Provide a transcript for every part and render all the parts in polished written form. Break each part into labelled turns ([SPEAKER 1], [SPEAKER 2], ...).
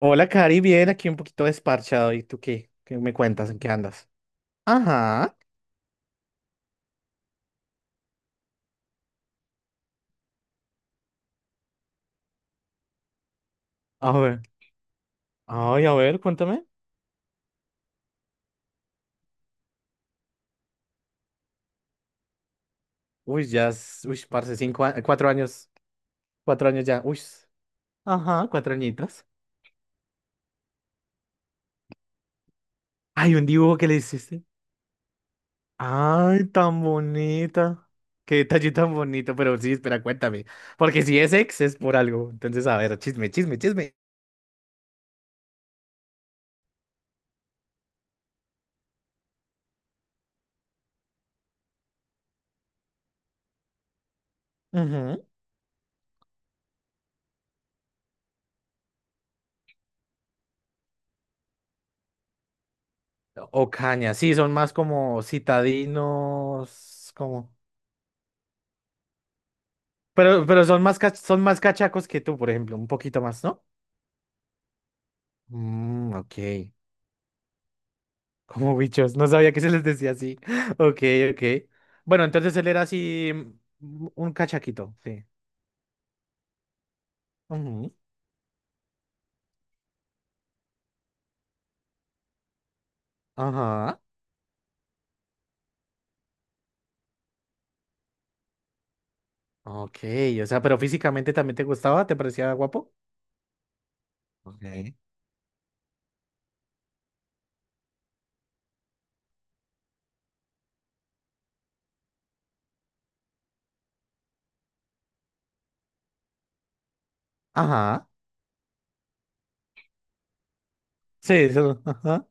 [SPEAKER 1] Hola, Cari, bien, aquí un poquito desparchado. ¿Y tú qué? ¿Qué me cuentas? ¿En qué andas? Ajá. A ver. Ay, a ver, cuéntame. Uy, ya, uy, parce, cinco, cuatro años ya. Uy, ajá, cuatro añitos. Ay, un dibujo que le hiciste. Ay, tan bonita. Qué detalle tan bonito, pero sí, espera, cuéntame. Porque si es ex, es por algo. Entonces, a ver, chisme, chisme, chisme. Ujú. O caña, sí, son más como citadinos, como. Pero son más cachacos que tú, por ejemplo, un poquito más, ¿no? Mm, ok. Como bichos, no sabía que se les decía así. Ok, ok. Bueno, entonces él era así un cachaquito, sí. Ujú. Ajá. Ok, o sea, pero físicamente también te gustaba, te parecía guapo. Ok. Ajá. Sí, eso. Ajá.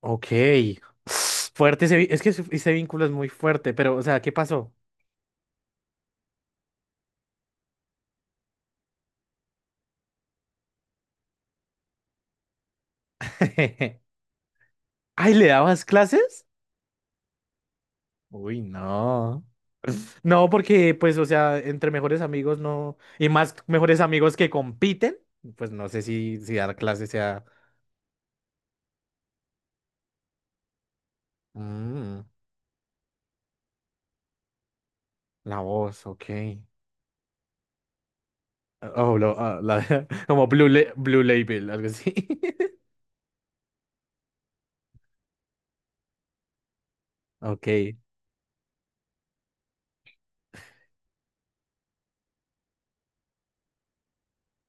[SPEAKER 1] Ok. Fuerte ese, es que ese vínculo es muy fuerte, pero, o sea, ¿qué pasó? Ay, ¿le dabas clases? Uy, no. No, porque pues, o sea, entre mejores amigos no, y más mejores amigos que compiten, pues no sé si dar clases sea. Mm, la voz, ok. Oh, como Blue, Blue Label, algo así. Ok.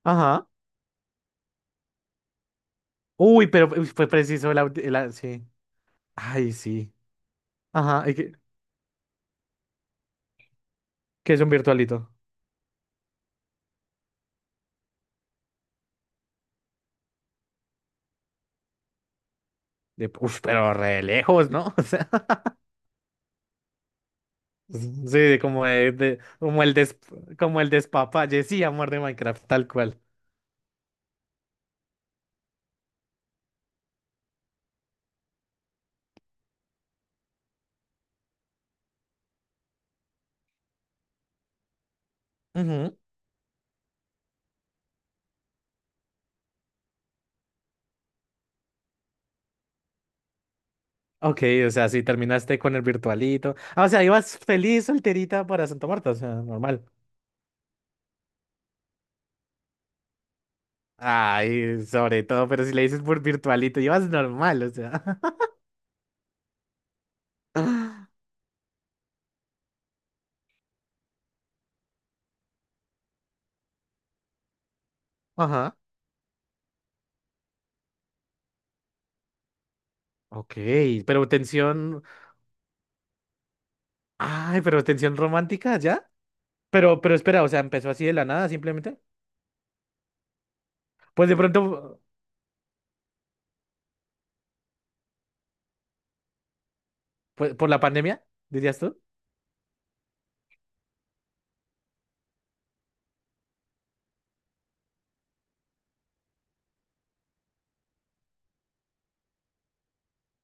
[SPEAKER 1] Ajá. Uy, pero fue preciso el, audi- el a- sí. Ay, sí. Ajá. ¿Y qué es un virtualito? Uf, pero re lejos, ¿no? O sea, sí, de- como como el despapalle, sí, amor de Minecraft, tal cual. Ok, o sea, si terminaste con el virtualito. Ah, o sea, ibas feliz solterita para Santa Marta, o sea, normal. Ay, sobre todo, pero si le dices por virtualito, ibas normal, o sea. Ajá. Ok, pero tensión. Ay, pero tensión romántica, ¿ya? Pero espera, o sea, empezó así de la nada, simplemente. Pues de pronto, pues, por la pandemia, dirías tú.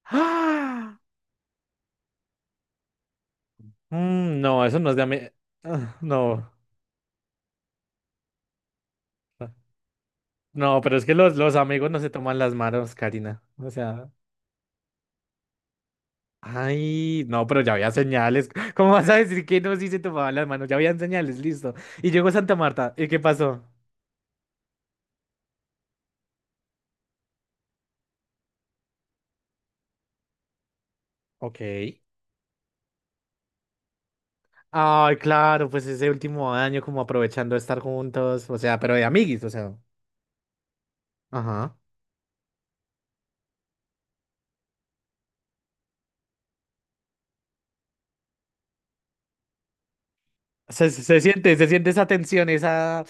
[SPEAKER 1] ¡Ah! No, eso no es de Ah, no. No, pero es que los amigos no se toman las manos, Karina. O sea. Ay, no, pero ya había señales. ¿Cómo vas a decir que no si se tomaban las manos? Ya habían señales, listo. Y llegó Santa Marta. ¿Y qué pasó? Ok. Ay, claro, pues ese último año como aprovechando estar juntos, o sea, pero de amiguis, o sea. Ajá. Se se- siente, se siente esa tensión, esa.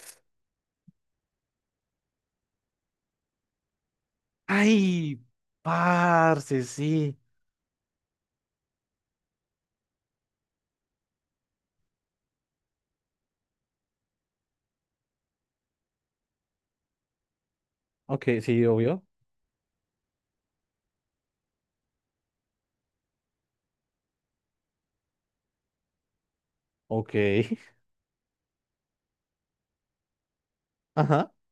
[SPEAKER 1] Ay, parce, sí. Ok, sí, obvio. Ok.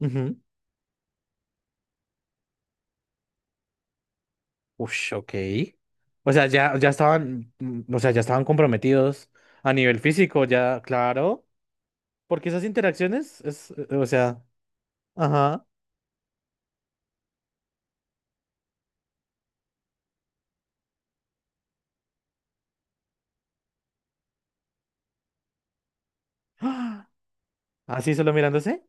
[SPEAKER 1] Ajá. Ush, ok. O sea, ya estaban, o sea, ya estaban comprometidos a nivel físico, ya, claro. Porque esas interacciones es, o sea, ajá. ¡Ah! Así solo mirándose,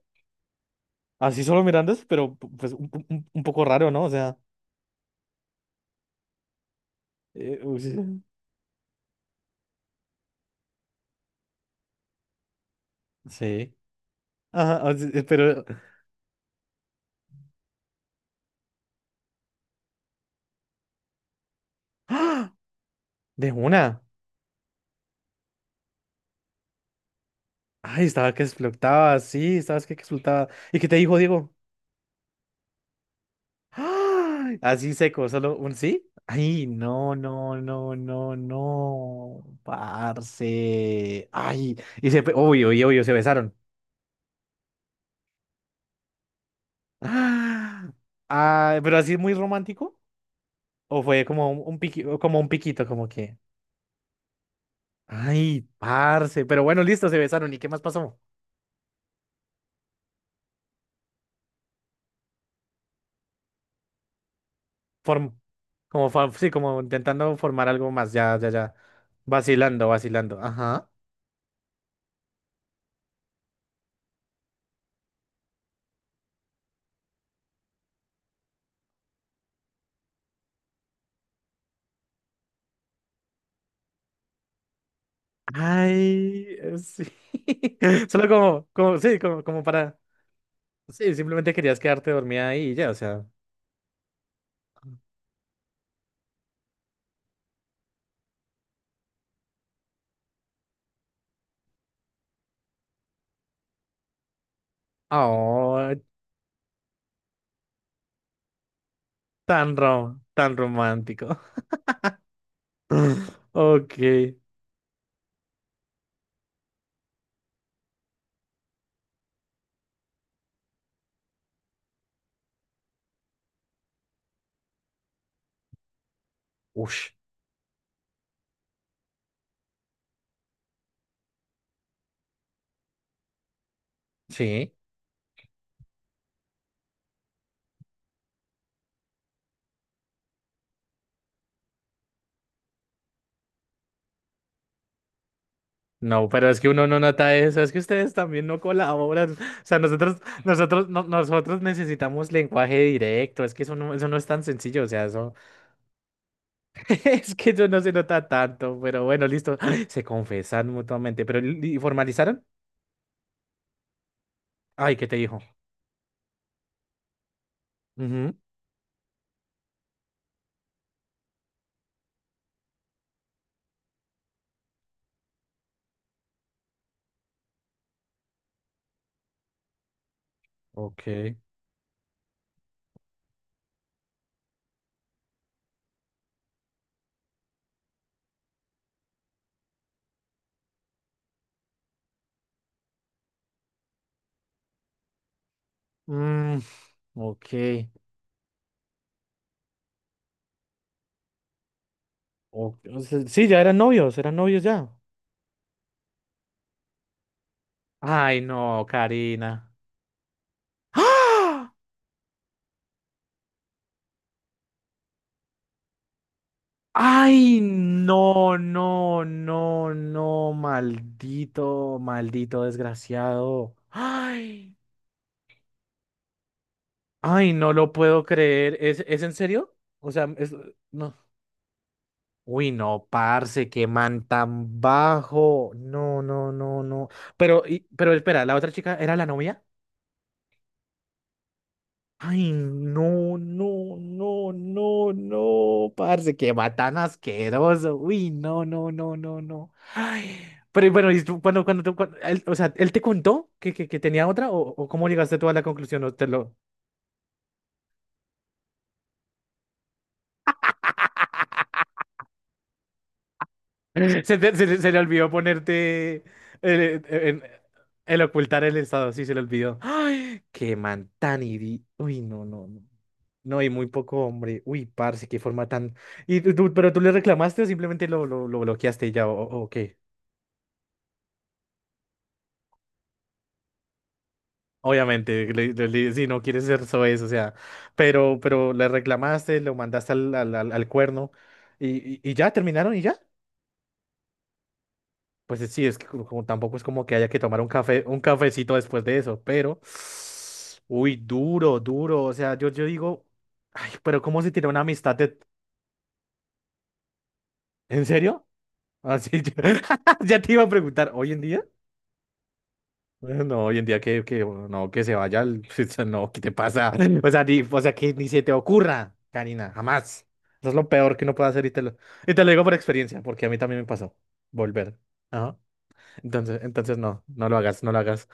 [SPEAKER 1] así solo mirándose, pero pues poco raro, ¿no? O sea, uy, sí. Sí. Ajá, o sea, pero. ¡Ah! De una. Ay, estaba que explotaba, sí, estabas que explotaba. ¿Y qué te dijo Diego? Ah, así seco, solo un sí. Ay, no, no, no, no, no. Parce. Ay, obvio, obvio, obvio, se besaron. ¡Ah! Ah, pero así muy romántico. O fue como o como un piquito, como que. Ay, parce. Pero bueno, listo, se besaron. ¿Y qué más pasó? Form, Como, sí, como intentando formar algo más. Ya, ya, ya. Vacilando, vacilando. Ajá. Ay, sí. Solo como, sí, como para. Sí, simplemente querías quedarte dormida ahí y ya, o sea. Oh, tan tan romántico. Ok. Ush, sí. No, pero es que uno no nota eso, es que ustedes también no colaboran. O sea, nosotros, no- nosotros necesitamos lenguaje directo, es que eso no es tan sencillo, o sea, eso. Es que eso no se nota tanto, pero bueno, listo. Se confesan mutuamente, pero ¿y formalizaron? Ay, ¿qué te dijo? Ujú, ok. Mm, ok. O sea, sí, ya eran novios ya. Ay, no, Karina. ¡Ah! Ay, no, no, no, no, maldito, maldito desgraciado. Ay, ay, no lo puedo creer. ¿Es en serio? O sea, no. Uy, no, parce, qué man tan bajo. No, no, no, no. Pero espera, ¿la otra chica era la novia? Ay, no, no, no, no, no, parce, que va tan asqueroso. Uy, no, no, no, no, no. Ay, pero bueno, y tú, o sea, ¿él te contó que tenía otra o cómo llegaste tú a la conclusión? ¿O te lo? Se le olvidó ponerte el, en- el ocultar el estado, sí, se le olvidó. ¡Ay! Qué man tan. Uy, no, no, no. No, y muy poco hombre. Uy, parce, qué forma tan. ¿Y tú, pero tú le reclamaste o simplemente lo bloqueaste y ya, o qué? Obviamente, si no quieres ser soez, o sea, pero le reclamaste, lo mandaste al cuerno y, y ya terminaron y ya. Pues sí, es que como tampoco es como que haya que tomar un cafecito después de eso, pero. Uy, duro, duro. O sea, yo digo, ay, pero ¿cómo se tiene una amistad de? ¿En serio? Así. Ya te iba a preguntar, ¿hoy en día? No, hoy en día que no, que se vaya o sea, no, ¿qué te pasa? O sea, ni, o sea, que ni se te ocurra, Karina, jamás. Eso es lo peor que uno puede hacer y te lo digo por experiencia, porque a mí también me pasó. Volver. Ajá. Entonces no lo hagas, no lo hagas.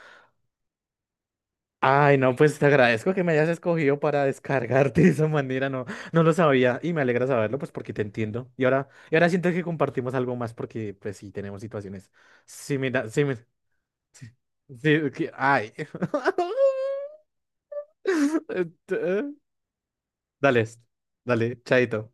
[SPEAKER 1] Ay, no, pues te agradezco que me hayas escogido para descargarte de esa manera, no, no lo sabía y me alegra saberlo, pues porque te entiendo. Y ahora siento que compartimos algo más porque, pues sí, tenemos situaciones similares, sí, sí, sí, ay. Dale, dale, chaito.